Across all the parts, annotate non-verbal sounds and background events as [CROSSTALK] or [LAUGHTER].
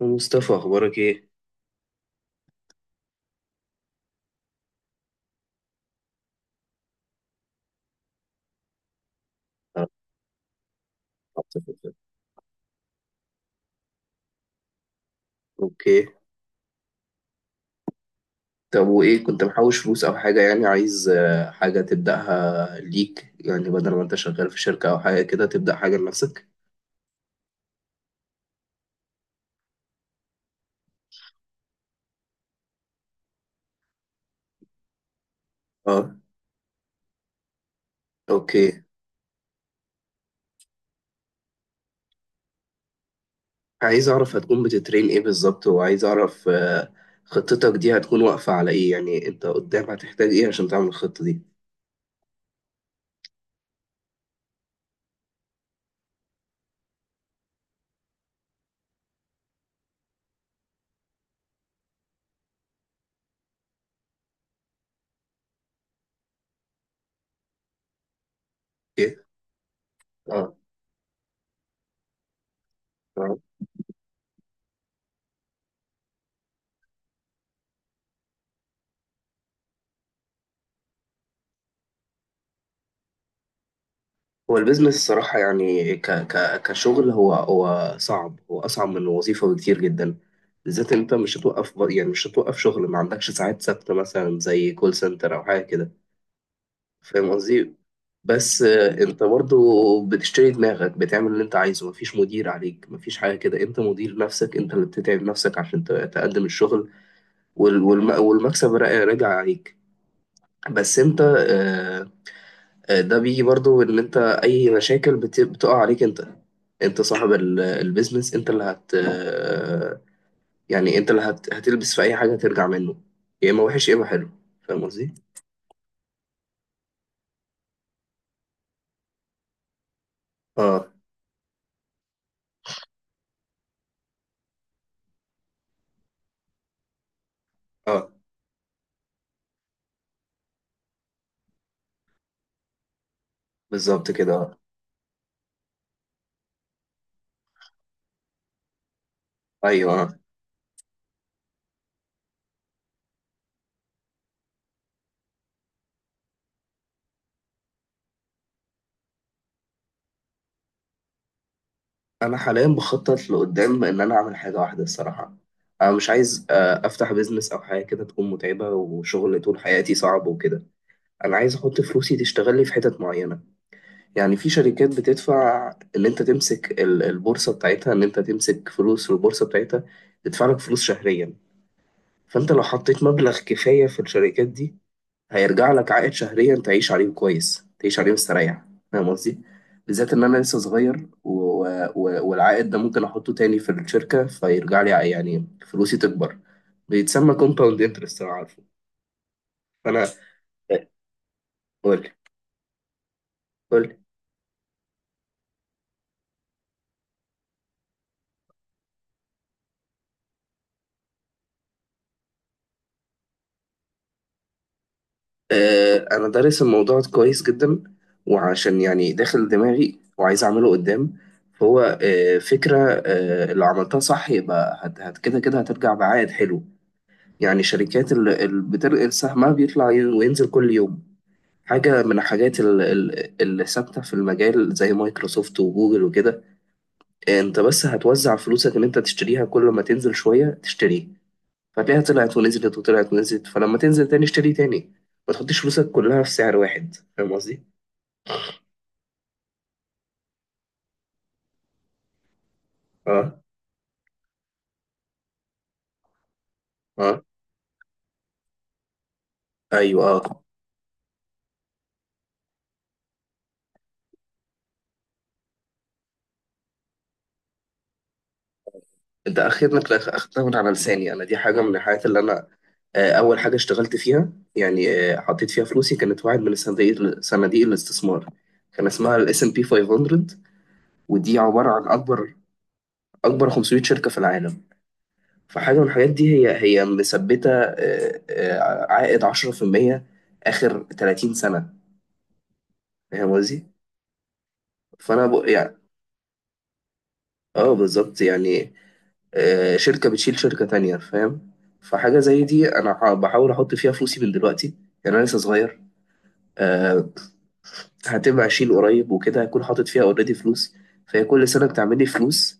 مصطفى، اخبارك ايه؟ أنا مبسوط جداً. اوكي. طب وايه، كنت محوش فلوس او حاجه؟ يعني عايز حاجه تبداها ليك، يعني بدل ما انت شغال في شركه او حاجه كده تبدا حاجه لنفسك. اه. اوكي. عايز اعرف هتكون بتترين ايه بالظبط، وعايز اعرف خطتك دي هتكون واقفه على ايه، يعني انت قدام هتحتاج ايه عشان تعمل الخطه دي؟ اوكي. اه. هو البيزنس الصراحة يعني ك ك كشغل هو صعب، هو أصعب من الوظيفة بكتير جدا، بالذات إن أنت مش هتوقف يعني مش هتوقف شغل، ما عندكش ساعات ثابتة مثلا زي كول سنتر أو حاجة كده. فاهم قصدي؟ بس أنت برضو بتشتري دماغك، بتعمل اللي أنت عايزه، مفيش مدير عليك، مفيش حاجة كده. أنت مدير نفسك، أنت اللي بتتعب نفسك عشان تقدم الشغل، والمكسب راجع عليك. بس أنت ده بيجي برضو ان انت اي مشاكل بتقع عليك انت. انت صاحب البيزنس، انت اللي هت آه، يعني انت اللي هتلبس في اي حاجة ترجع منه. يا اما وحش يا اما حلو. فاهم قصدي؟ اه. اه بالظبط كده. اه. ايوه آه. انا حاليا بخطط لقدام ان انا اعمل حاجة واحدة الصراحة. انا مش عايز افتح بيزنس او حاجة كده تكون متعبة وشغل طول حياتي صعب وكده. انا عايز احط فلوسي تشتغل لي في حتت معينة. يعني في شركات بتدفع، اللي انت تمسك البورصة بتاعتها، ان انت تمسك فلوس في البورصة بتاعتها تدفع لك فلوس شهريا. فانت لو حطيت مبلغ كفاية في الشركات دي، هيرجع لك عائد شهريا تعيش عليه كويس، تعيش عليه مستريح. فاهم قصدي؟ بالذات ان انا لسه صغير والعائد ده ممكن احطه تاني في الشركة فيرجع لي، يعني فلوسي تكبر. بيتسمى كومباوند انترست، انا عارفه. فانا، قول لي. انا دارس الموضوع كويس جدا، وعشان يعني داخل دماغي وعايز اعمله قدام. فهو فكره. لو عملتها صح يبقى هت هت كده كده هترجع بعائد حلو. يعني شركات اللي بترقل سهمها بيطلع وينزل كل يوم. حاجه من الحاجات اللي ثابته في المجال زي مايكروسوفت وجوجل وكده. انت بس هتوزع فلوسك ان انت تشتريها كل ما تنزل شويه تشتريه، فتلاقيها طلعت ونزلت وطلعت ونزلت، فلما تنزل تاني اشتري تاني. ما تحطش فلوسك كلها في سعر واحد. فاهم قصدي؟ اه. اه ايوه اه. انت اخيرا اخدتها من على لساني، انا دي حاجه من الحاجات اللي انا اول حاجه اشتغلت فيها يعني. حطيت فيها فلوسي، كانت واحد من صناديق الاستثمار. كان اسمها الاس ام بي 500، ودي عباره عن اكبر 500 شركه في العالم. فحاجه من الحاجات دي هي مثبته عائد 10% اخر 30 سنه. فاهم قصدي؟ فانا يعني، اه بالظبط يعني شركه بتشيل شركه تانية. فاهم. فحاجه زي دي انا بحاول احط فيها فلوسي من دلوقتي. يعني انا لسه صغير. آه، هتبقى اشيل قريب وكده هكون حاطط فيها اوريدي فلوس. فهي كل سنه بتعمل لي فلوس،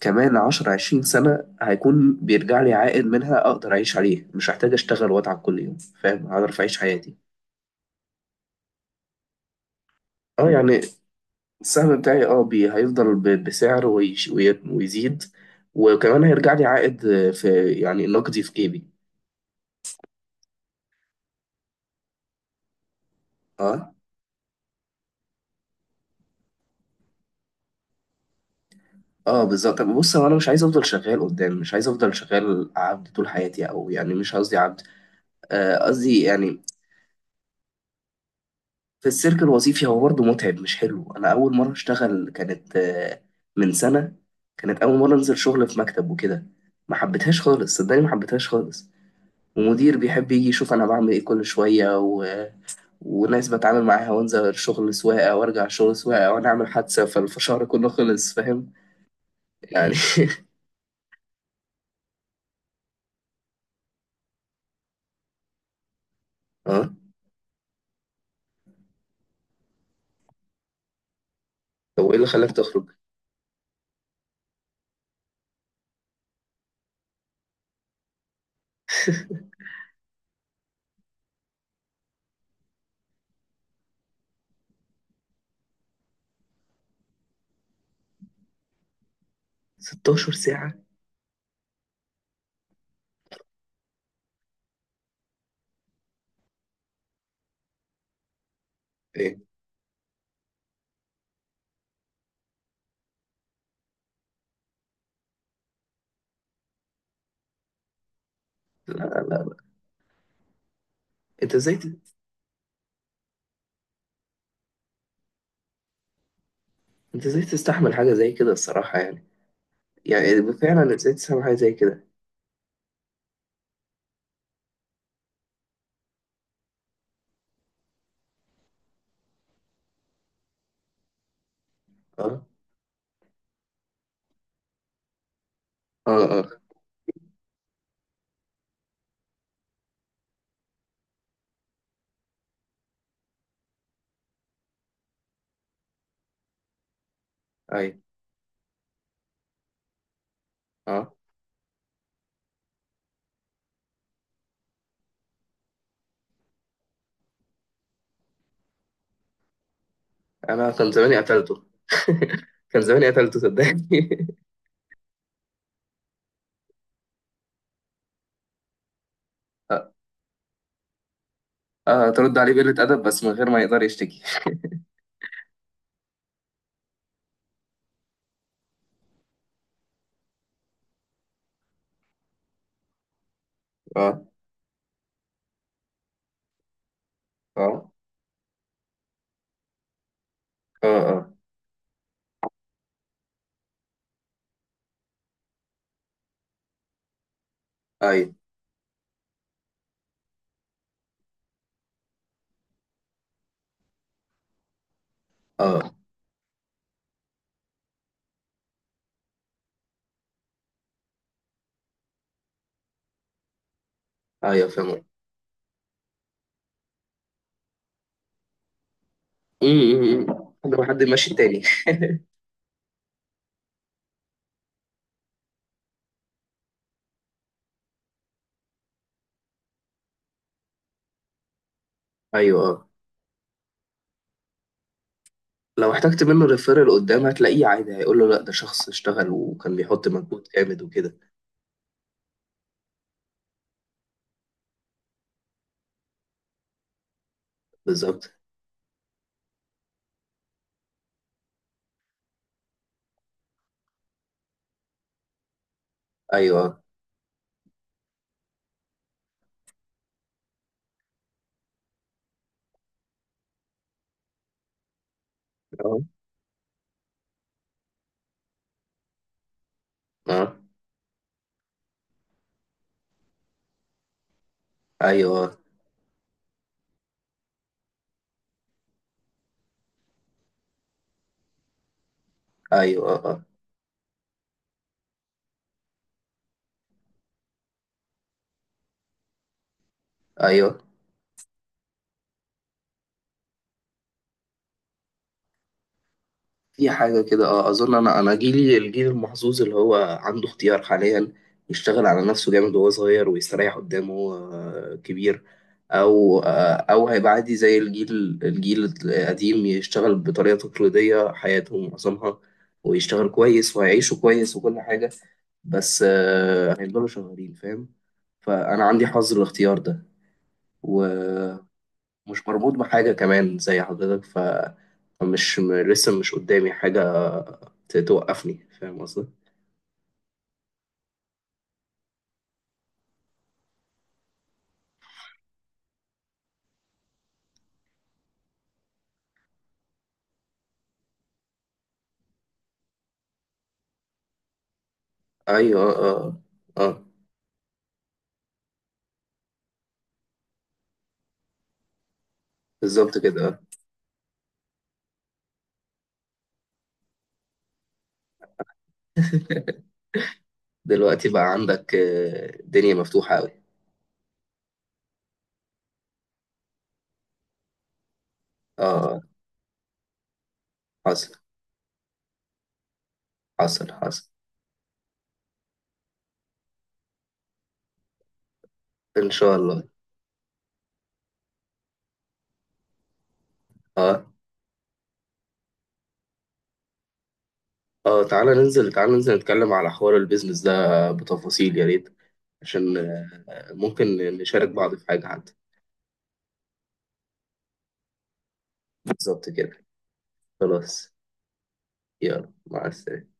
كمان 10 20 سنه هيكون بيرجع لي عائد منها اقدر اعيش عليه، مش هحتاج اشتغل واتعب كل يوم. فاهم؟ هعرف اعيش حياتي. اه يعني السهم بتاعي اه بي هيفضل بسعر ويزيد، وكمان هيرجع لي عائد في يعني نقدي في جيبي. اه. اه بالظبط. طب بص هو انا مش عايز افضل شغال قدام، مش عايز افضل شغال عبد طول حياتي، او يعني مش قصدي عبد. قصدي يعني في السلك الوظيفي هو برضه متعب مش حلو. انا اول مره اشتغل كانت من سنه، كانت اول مره انزل شغل في مكتب وكده. ما حبيتهاش خالص، صدقني ما حبيتهاش خالص. ومدير بيحب يجي يشوف انا بعمل ايه كل شويه، وناس بتعامل معاها، وانزل شغل سواقة وارجع شغل سواقة وانا اعمل حادثة فالشهر كله خلص. فاهم يعني؟ [LAUGHS] اه. طب وايه اللي خلاك تخرج؟ [LAUGHS] 16 ساعة ايه؟ لا لا لا. انت ازاي ت- انت ازاي تستحمل حاجة زي كده الصراحة يعني؟ يعني فعلا ازاي تستحمل حاجة زي كده؟ اه اه اه اي اه. انا كان زماني قتلته. [LAUGHS] كان زماني قتلته صدقني. [LAUGHS] اه اه، ترد عليه بقلة أدب بس من غير ما يقدر يشتكي. اه اه اه اه اي اه ايوه فاهم. امم. لو حد ماشي تاني. ايوه اه. لو احتجت منه ريفيرال قدام هتلاقيه عادي، هيقول له لا ده شخص اشتغل وكان بيحط مجهود جامد وكده. بالظبط. ايوه اه اه. ايوه آه. ايوه اه. ايوه في حاجة كده اه. أظن أنا جيلي الجيل المحظوظ اللي هو عنده اختيار حاليا، يشتغل على نفسه جامد وهو صغير ويستريح قدامه كبير. أو أو هيبقى عادي زي الجيل القديم يشتغل بطريقة تقليدية حياته معظمها، ويشتغل كويس وهيعيشوا كويس وكل حاجة. بس هيفضلوا شغالين. فاهم؟ فأنا عندي حظ الاختيار ده، مش مربوط بحاجة كمان زي حضرتك. مش لسه مش قدامي حاجة توقفني. فاهم قصدي؟ أيوه اه اه اه بالظبط كده اه. دلوقتي بقى عندك دنيا مفتوحة أوي. اه. آه، حصل حصل حصل. إن شاء الله. اه اه، تعالى ننزل، تعالى ننزل نتكلم على حوار البيزنس ده بتفاصيل يا ريت. عشان ممكن نشارك بعض في حاجة حتى. بالظبط كده. خلاص. يلا، مع السلامة.